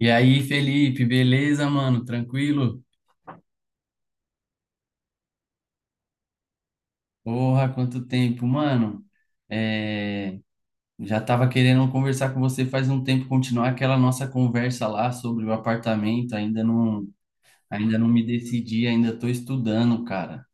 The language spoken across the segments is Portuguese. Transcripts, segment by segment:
E aí, Felipe, beleza, mano? Tranquilo? Porra, quanto tempo, mano. É, já tava querendo conversar com você faz um tempo, continuar aquela nossa conversa lá sobre o apartamento. Ainda não me decidi, ainda tô estudando, cara.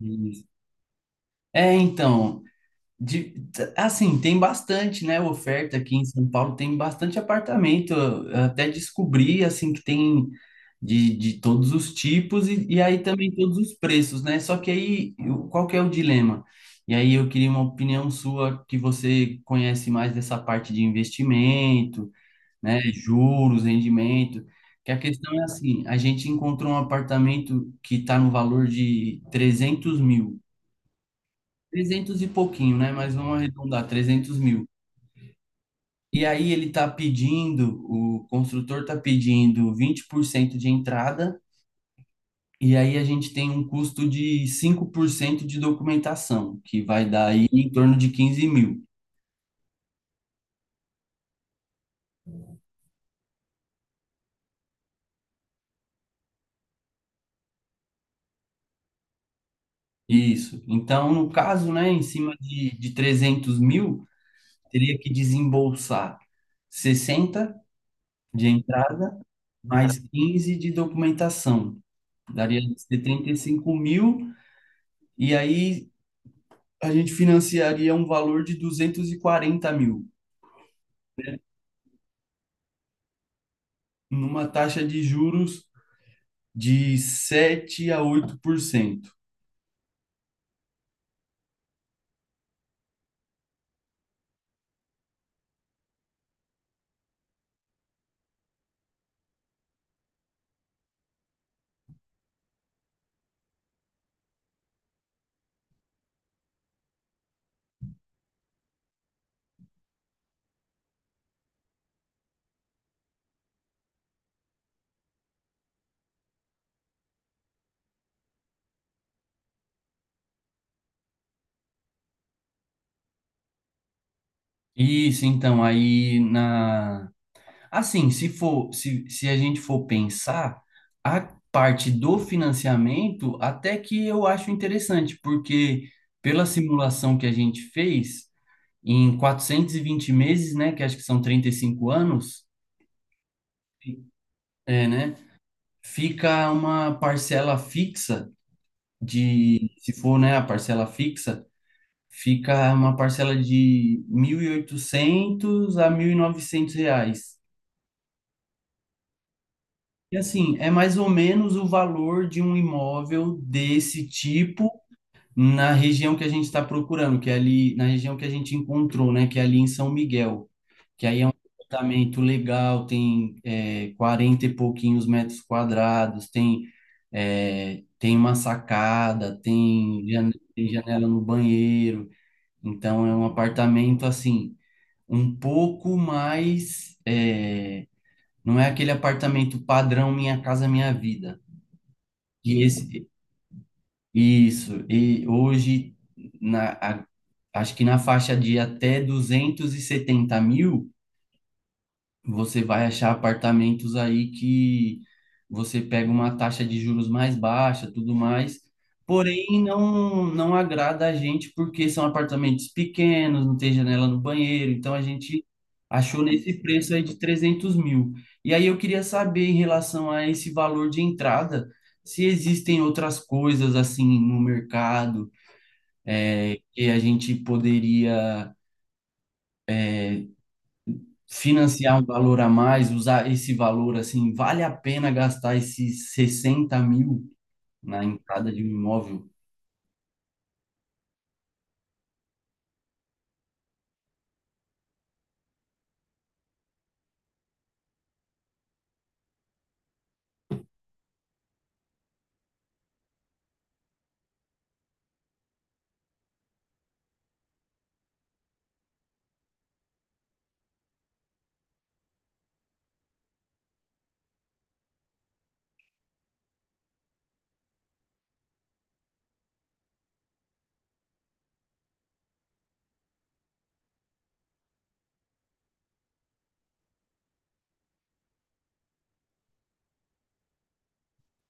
Isso. É, então, De, assim, tem bastante, né, oferta aqui em São Paulo, tem bastante apartamento, eu até descobri, assim, que tem de todos os tipos e aí também todos os preços, né, só que aí, qual que é o dilema? E aí eu queria uma opinião sua, que você conhece mais dessa parte de investimento, né, juros, rendimento, que a questão é assim, a gente encontrou um apartamento que está no valor de 300 mil, 300 e pouquinho, né? Mas vamos arredondar, 300 mil. E aí o construtor tá pedindo 20% de entrada, e aí a gente tem um custo de 5% de documentação, que vai dar aí em torno de 15 mil. Isso. Então, no caso, né, em cima de 300 mil, teria que desembolsar 60 de entrada, mais 15 de documentação. Daria 75 mil, e aí a gente financiaria um valor de 240 mil, numa taxa de juros de 7 a 8%. Isso, então, aí na. Assim, se a gente for pensar, a parte do financiamento, até que eu acho interessante, porque pela simulação que a gente fez, em 420 meses, né, que acho que são 35 anos, é, né, fica uma parcela fixa de, se for, né, a parcela fixa, fica uma parcela de 1.800 a 1.900 reais. E assim, é mais ou menos o valor de um imóvel desse tipo na região que a gente está procurando, que é ali na região que a gente encontrou, né, que é ali em São Miguel, que aí é um apartamento legal, tem 40 e pouquinhos metros quadrados, tem uma sacada, tem janela no banheiro. Então é um apartamento assim, um pouco mais. Não é aquele apartamento padrão Minha Casa Minha Vida. E esse, isso. E hoje, na, a- acho que na faixa de até 270 mil, você vai achar apartamentos aí que você pega uma taxa de juros mais baixa, tudo mais. Porém, não agrada a gente porque são apartamentos pequenos, não tem janela no banheiro. Então, a gente achou nesse preço aí de 300 mil. E aí, eu queria saber em relação a esse valor de entrada, se existem outras coisas assim no mercado, que a gente poderia financiar um valor a mais, usar esse valor assim, vale a pena gastar esses 60 mil na entrada de um imóvel?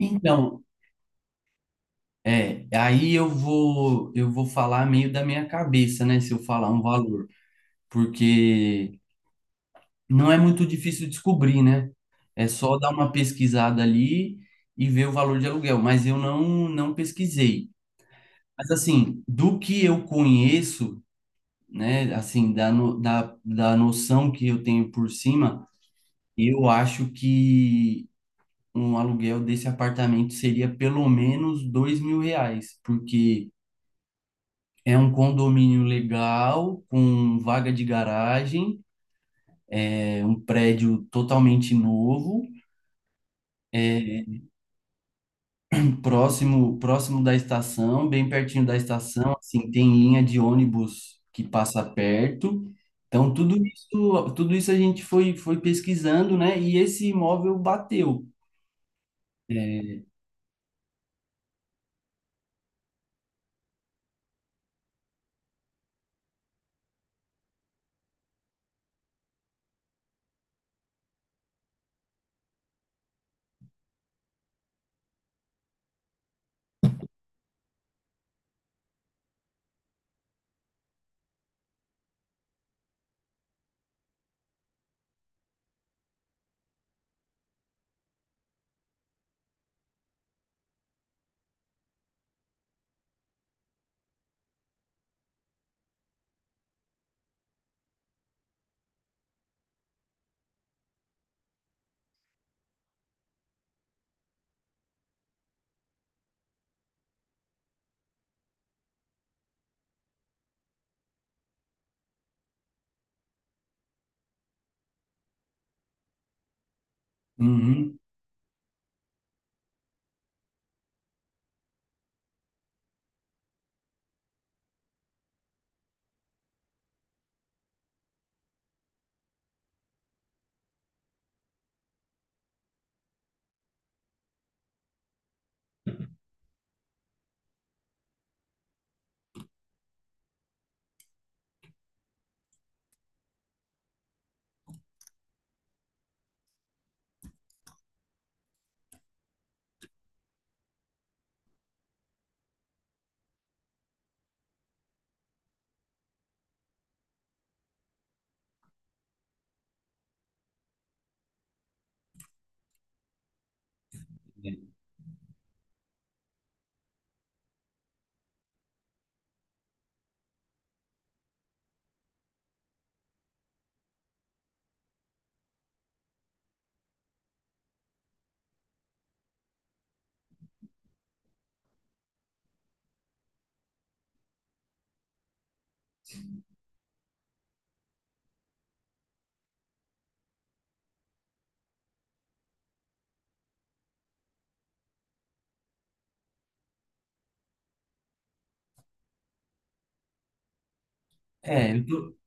Então, aí eu vou falar meio da minha cabeça, né, se eu falar um valor, porque não é muito difícil descobrir, né? É só dar uma pesquisada ali e ver o valor de aluguel, mas eu não pesquisei. Mas assim, do que eu conheço, né, assim, da, no, da, da noção que eu tenho por cima, eu acho que um aluguel desse apartamento seria pelo menos R$ 2.000, porque é um condomínio legal, com vaga de garagem, é um prédio totalmente novo, é próximo da estação, bem pertinho da estação, assim, tem linha de ônibus que passa perto. Então, tudo isso a gente foi pesquisando, né? E esse imóvel bateu. É. Uhum. É, eu tô.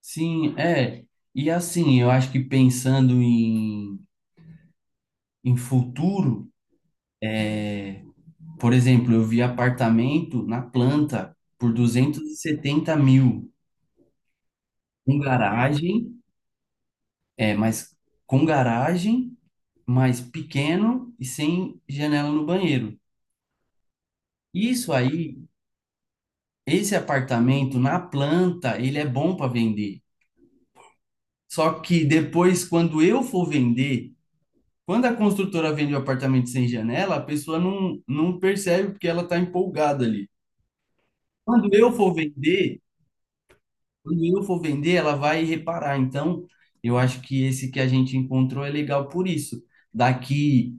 Sim, é. E assim, eu acho que pensando em futuro, por exemplo, eu vi apartamento na planta por 270 mil, com garagem, mas com garagem, mas pequeno e sem janela no banheiro. Isso aí, esse apartamento na planta, ele é bom para vender. Só que depois, quando eu for vender, quando a construtora vende o apartamento sem janela, a pessoa não percebe porque ela está empolgada ali. Quando eu for vender, quando eu for vender, ela vai reparar. Então, eu acho que esse que a gente encontrou é legal por isso. Daqui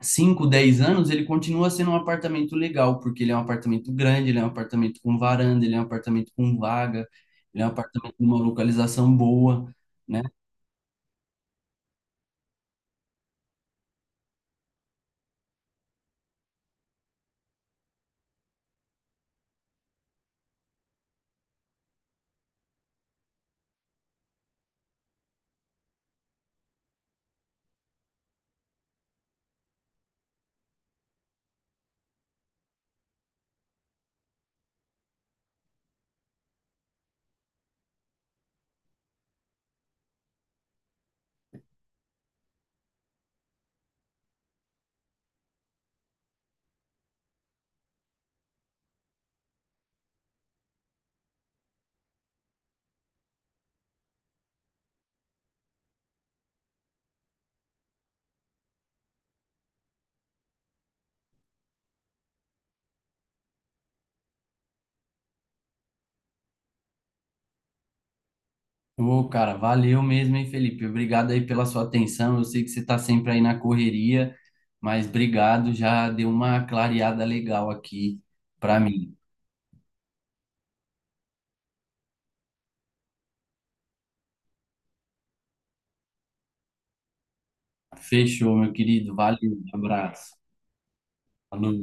5, 10 anos, ele continua sendo um apartamento legal, porque ele é um apartamento grande, ele é um apartamento com varanda, ele é um apartamento com vaga, ele é um apartamento com uma localização boa, né? Ô, cara, valeu mesmo, hein, Felipe? Obrigado aí pela sua atenção. Eu sei que você está sempre aí na correria, mas obrigado, já deu uma clareada legal aqui para mim. Fechou, meu querido. Valeu, um abraço. Falou.